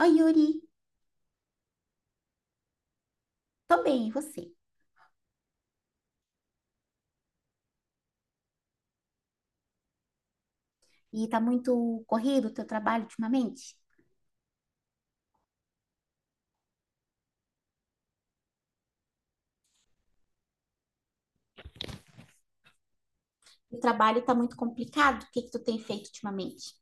Oi, Yuri. Tô bem, e você? E tá muito corrido o teu trabalho ultimamente? O trabalho tá muito complicado? O que que tu tem feito ultimamente?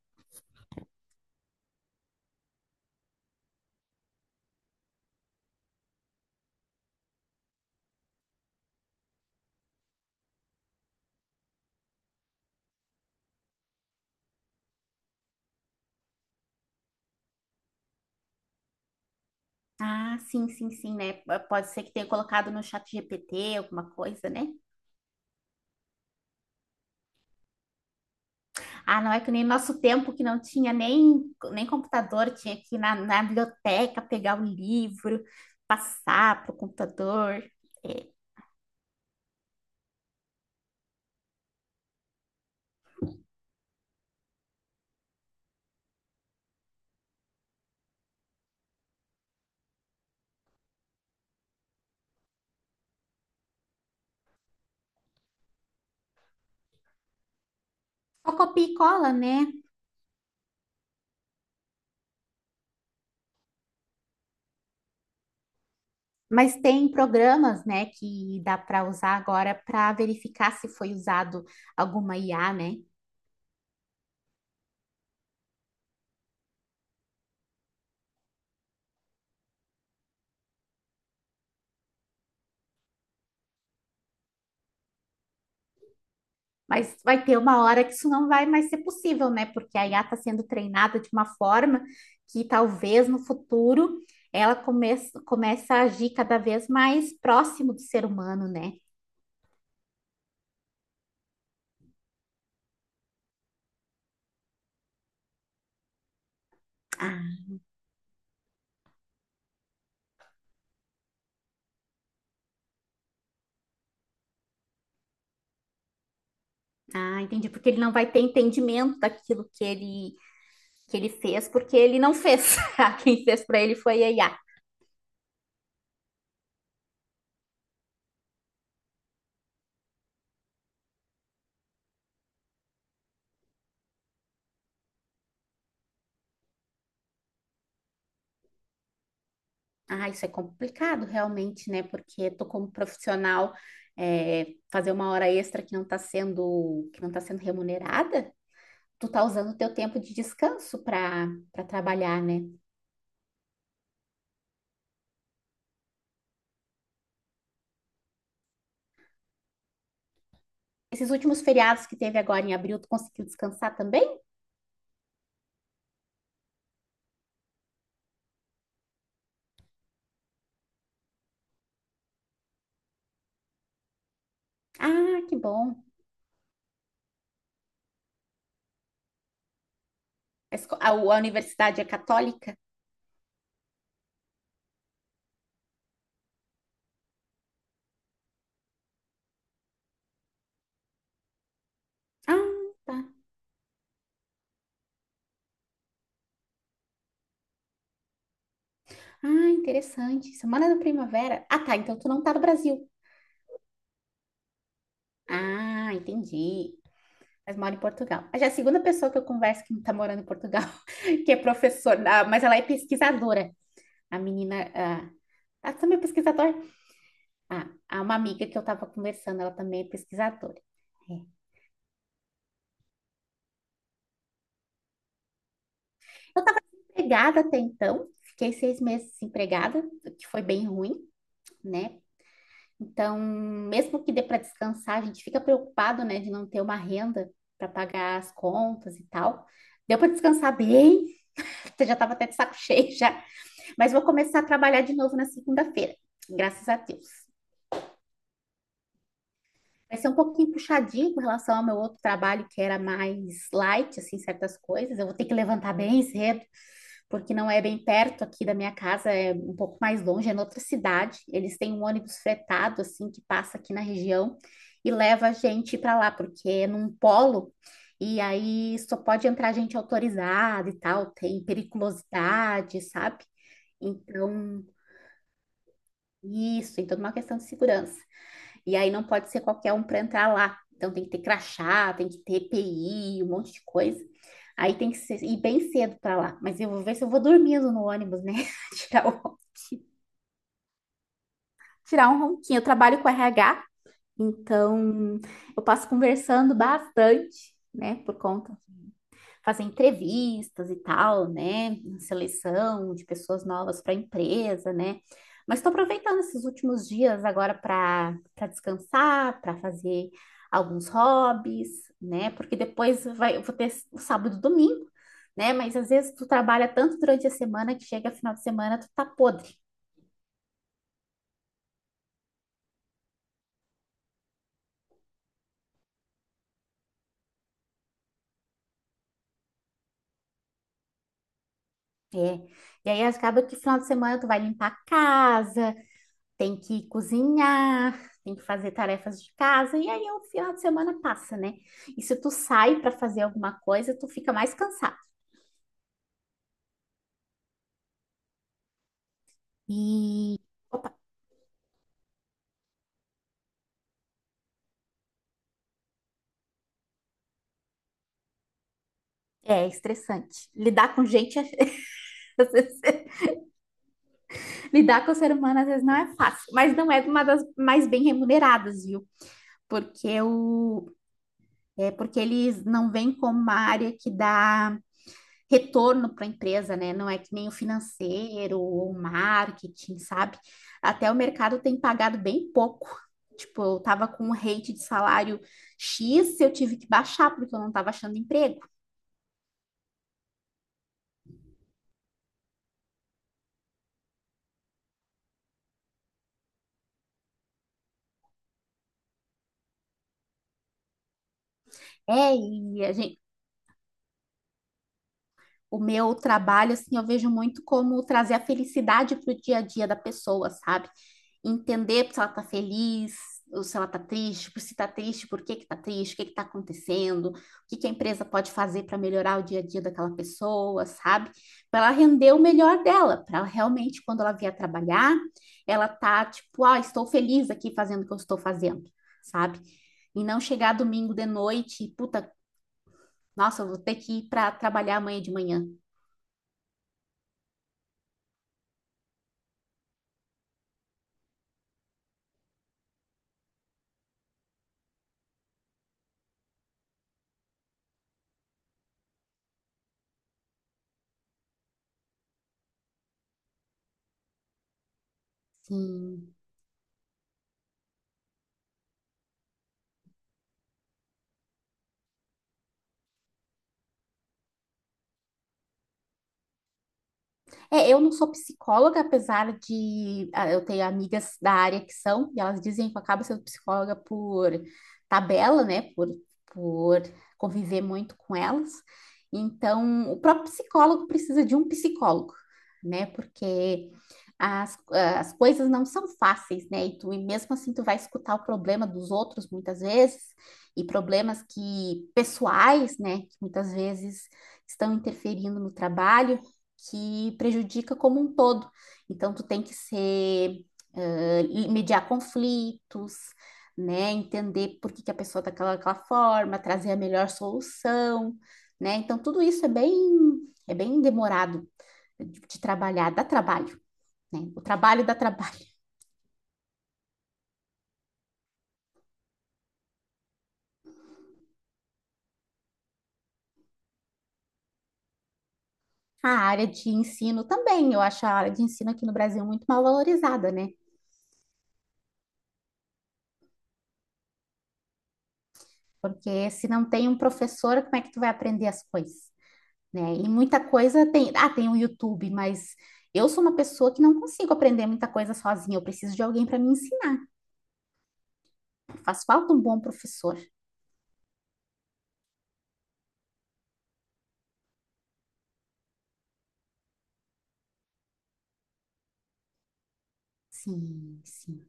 Ah, sim, sim, sim, né? Pode ser que tenha colocado no chat GPT alguma coisa, né? Ah, não é que nem nosso tempo que não tinha nem computador, tinha que ir na biblioteca pegar o livro, passar pro computador. É, só copia e cola, né? Mas tem programas, né, que dá para usar agora para verificar se foi usado alguma IA, né? Mas vai ter uma hora que isso não vai mais ser possível, né? Porque a IA está sendo treinada de uma forma que talvez no futuro ela começa a agir cada vez mais próximo do ser humano, né? Ah, ah, entendi. Porque ele não vai ter entendimento daquilo que ele fez, porque ele não fez. Quem fez para ele foi a IA. Ah, isso é complicado realmente, né? Porque tô como profissional é, fazer uma hora extra que não tá sendo remunerada, tu tá usando o teu tempo de descanso para trabalhar, né? Esses últimos feriados que teve agora em abril, tu conseguiu descansar também? Ah, que bom. A a universidade é católica? Ah, tá. Ah, interessante. Semana da primavera. Ah, tá. Então tu não tá no Brasil. Ah, entendi. Mas mora em Portugal. Já é a segunda pessoa que eu converso que tá morando em Portugal, que é professora, ah, mas ela é pesquisadora. A menina, ah, ela também é pesquisadora. Ah, há uma amiga que eu estava conversando, ela também é pesquisadora. É. Eu estava desempregada até então, fiquei 6 meses desempregada, o que foi bem ruim, né? Então, mesmo que dê para descansar, a gente fica preocupado, né, de não ter uma renda para pagar as contas e tal. Deu para descansar bem, já estava até de saco cheio já, mas vou começar a trabalhar de novo na segunda-feira, graças a Deus. Vai ser um pouquinho puxadinho com relação ao meu outro trabalho, que era mais light, assim, certas coisas. Eu vou ter que levantar bem cedo, porque não é bem perto aqui da minha casa, é um pouco mais longe, é noutra cidade. Eles têm um ônibus fretado, assim, que passa aqui na região e leva a gente para lá, porque é num polo, e aí só pode entrar gente autorizada e tal, tem periculosidade, sabe? Então, isso, tem toda uma questão de segurança. E aí não pode ser qualquer um para entrar lá. Então tem que ter crachá, tem que ter EPI, um monte de coisa. Aí tem que ser, ir bem cedo para lá. Mas eu vou ver se eu vou dormindo no ônibus, né? Tirar, o- Tirar um ronquinho. Eu trabalho com RH, então eu passo conversando bastante, né? Por conta fazer entrevistas e tal, né? Seleção de pessoas novas para a empresa, né? Mas estou aproveitando esses últimos dias agora para descansar, para fazer alguns hobbies, né? Porque depois vai, eu vou ter o sábado e o domingo, né? Mas às vezes tu trabalha tanto durante a semana que chega final de semana tu tá podre. É. E aí acaba que final de semana tu vai limpar a casa, tem que cozinhar, tem que fazer tarefas de casa, e aí o final de semana passa, né? E se tu sai para fazer alguma coisa, tu fica mais cansado. E é estressante. Lidar com gente, às vezes, lidar com o ser humano às vezes não é fácil, mas não é uma das mais bem remuneradas, viu? Porque o, é porque eles não veem como uma área que dá retorno para a empresa, né? Não é que nem o financeiro ou o marketing, sabe? Até o mercado tem pagado bem pouco. Tipo, eu tava com um rate de salário X, eu tive que baixar porque eu não tava achando emprego. É, e a gente o meu trabalho, assim, eu vejo muito como trazer a felicidade para o dia a dia da pessoa, sabe? Entender se ela tá feliz, ou se ela tá triste, por se tá triste, por que que tá triste, o que que tá acontecendo, o que que a empresa pode fazer para melhorar o dia a dia daquela pessoa, sabe? Para ela render o melhor dela, para ela realmente, quando ela vier trabalhar, ela tá tipo, ah, estou feliz aqui fazendo o que eu estou fazendo, sabe? E não chegar domingo de noite e, puta, nossa, eu vou ter que ir para trabalhar amanhã de manhã. Sim. É, eu não sou psicóloga, apesar de eu ter amigas da área que são, e elas dizem que eu acabo sendo psicóloga por tabela, né? Por conviver muito com elas. Então, o próprio psicólogo precisa de um psicólogo, né? Porque as coisas não são fáceis, né? E mesmo assim, tu vai escutar o problema dos outros muitas vezes, e problemas que pessoais, né? Que muitas vezes estão interferindo no trabalho que prejudica como um todo. Então, tu tem que ser, ah, mediar conflitos, né? Entender por que que a pessoa está daquela forma, trazer a melhor solução, né? Então, tudo isso é bem, demorado de trabalhar, dá trabalho, né? O trabalho dá trabalho. A área de ensino também, eu acho a área de ensino aqui no Brasil muito mal valorizada, né? Porque se não tem um professor, como é que tu vai aprender as coisas? Né? E muita coisa tem o YouTube, mas eu sou uma pessoa que não consigo aprender muita coisa sozinha, eu preciso de alguém para me ensinar. Faz falta um bom professor. Sim, sim.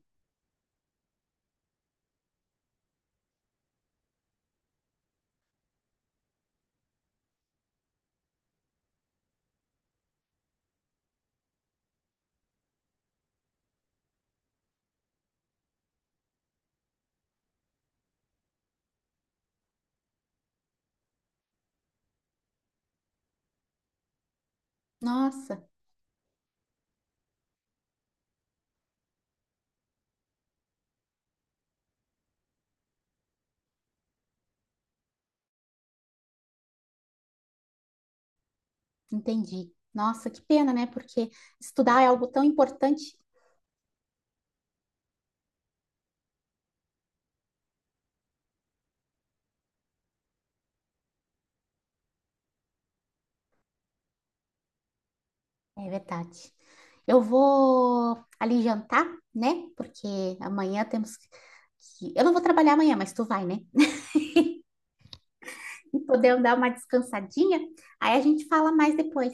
Nossa, entendi. Nossa, que pena, né? Porque estudar é algo tão importante. É verdade. Eu vou ali jantar, né? Porque amanhã temos que... Eu não vou trabalhar amanhã, mas tu vai, né? E podemos dar uma descansadinha. Aí a gente fala mais depois.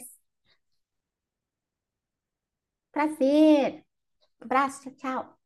Prazer. Abraço, tchau, tchau.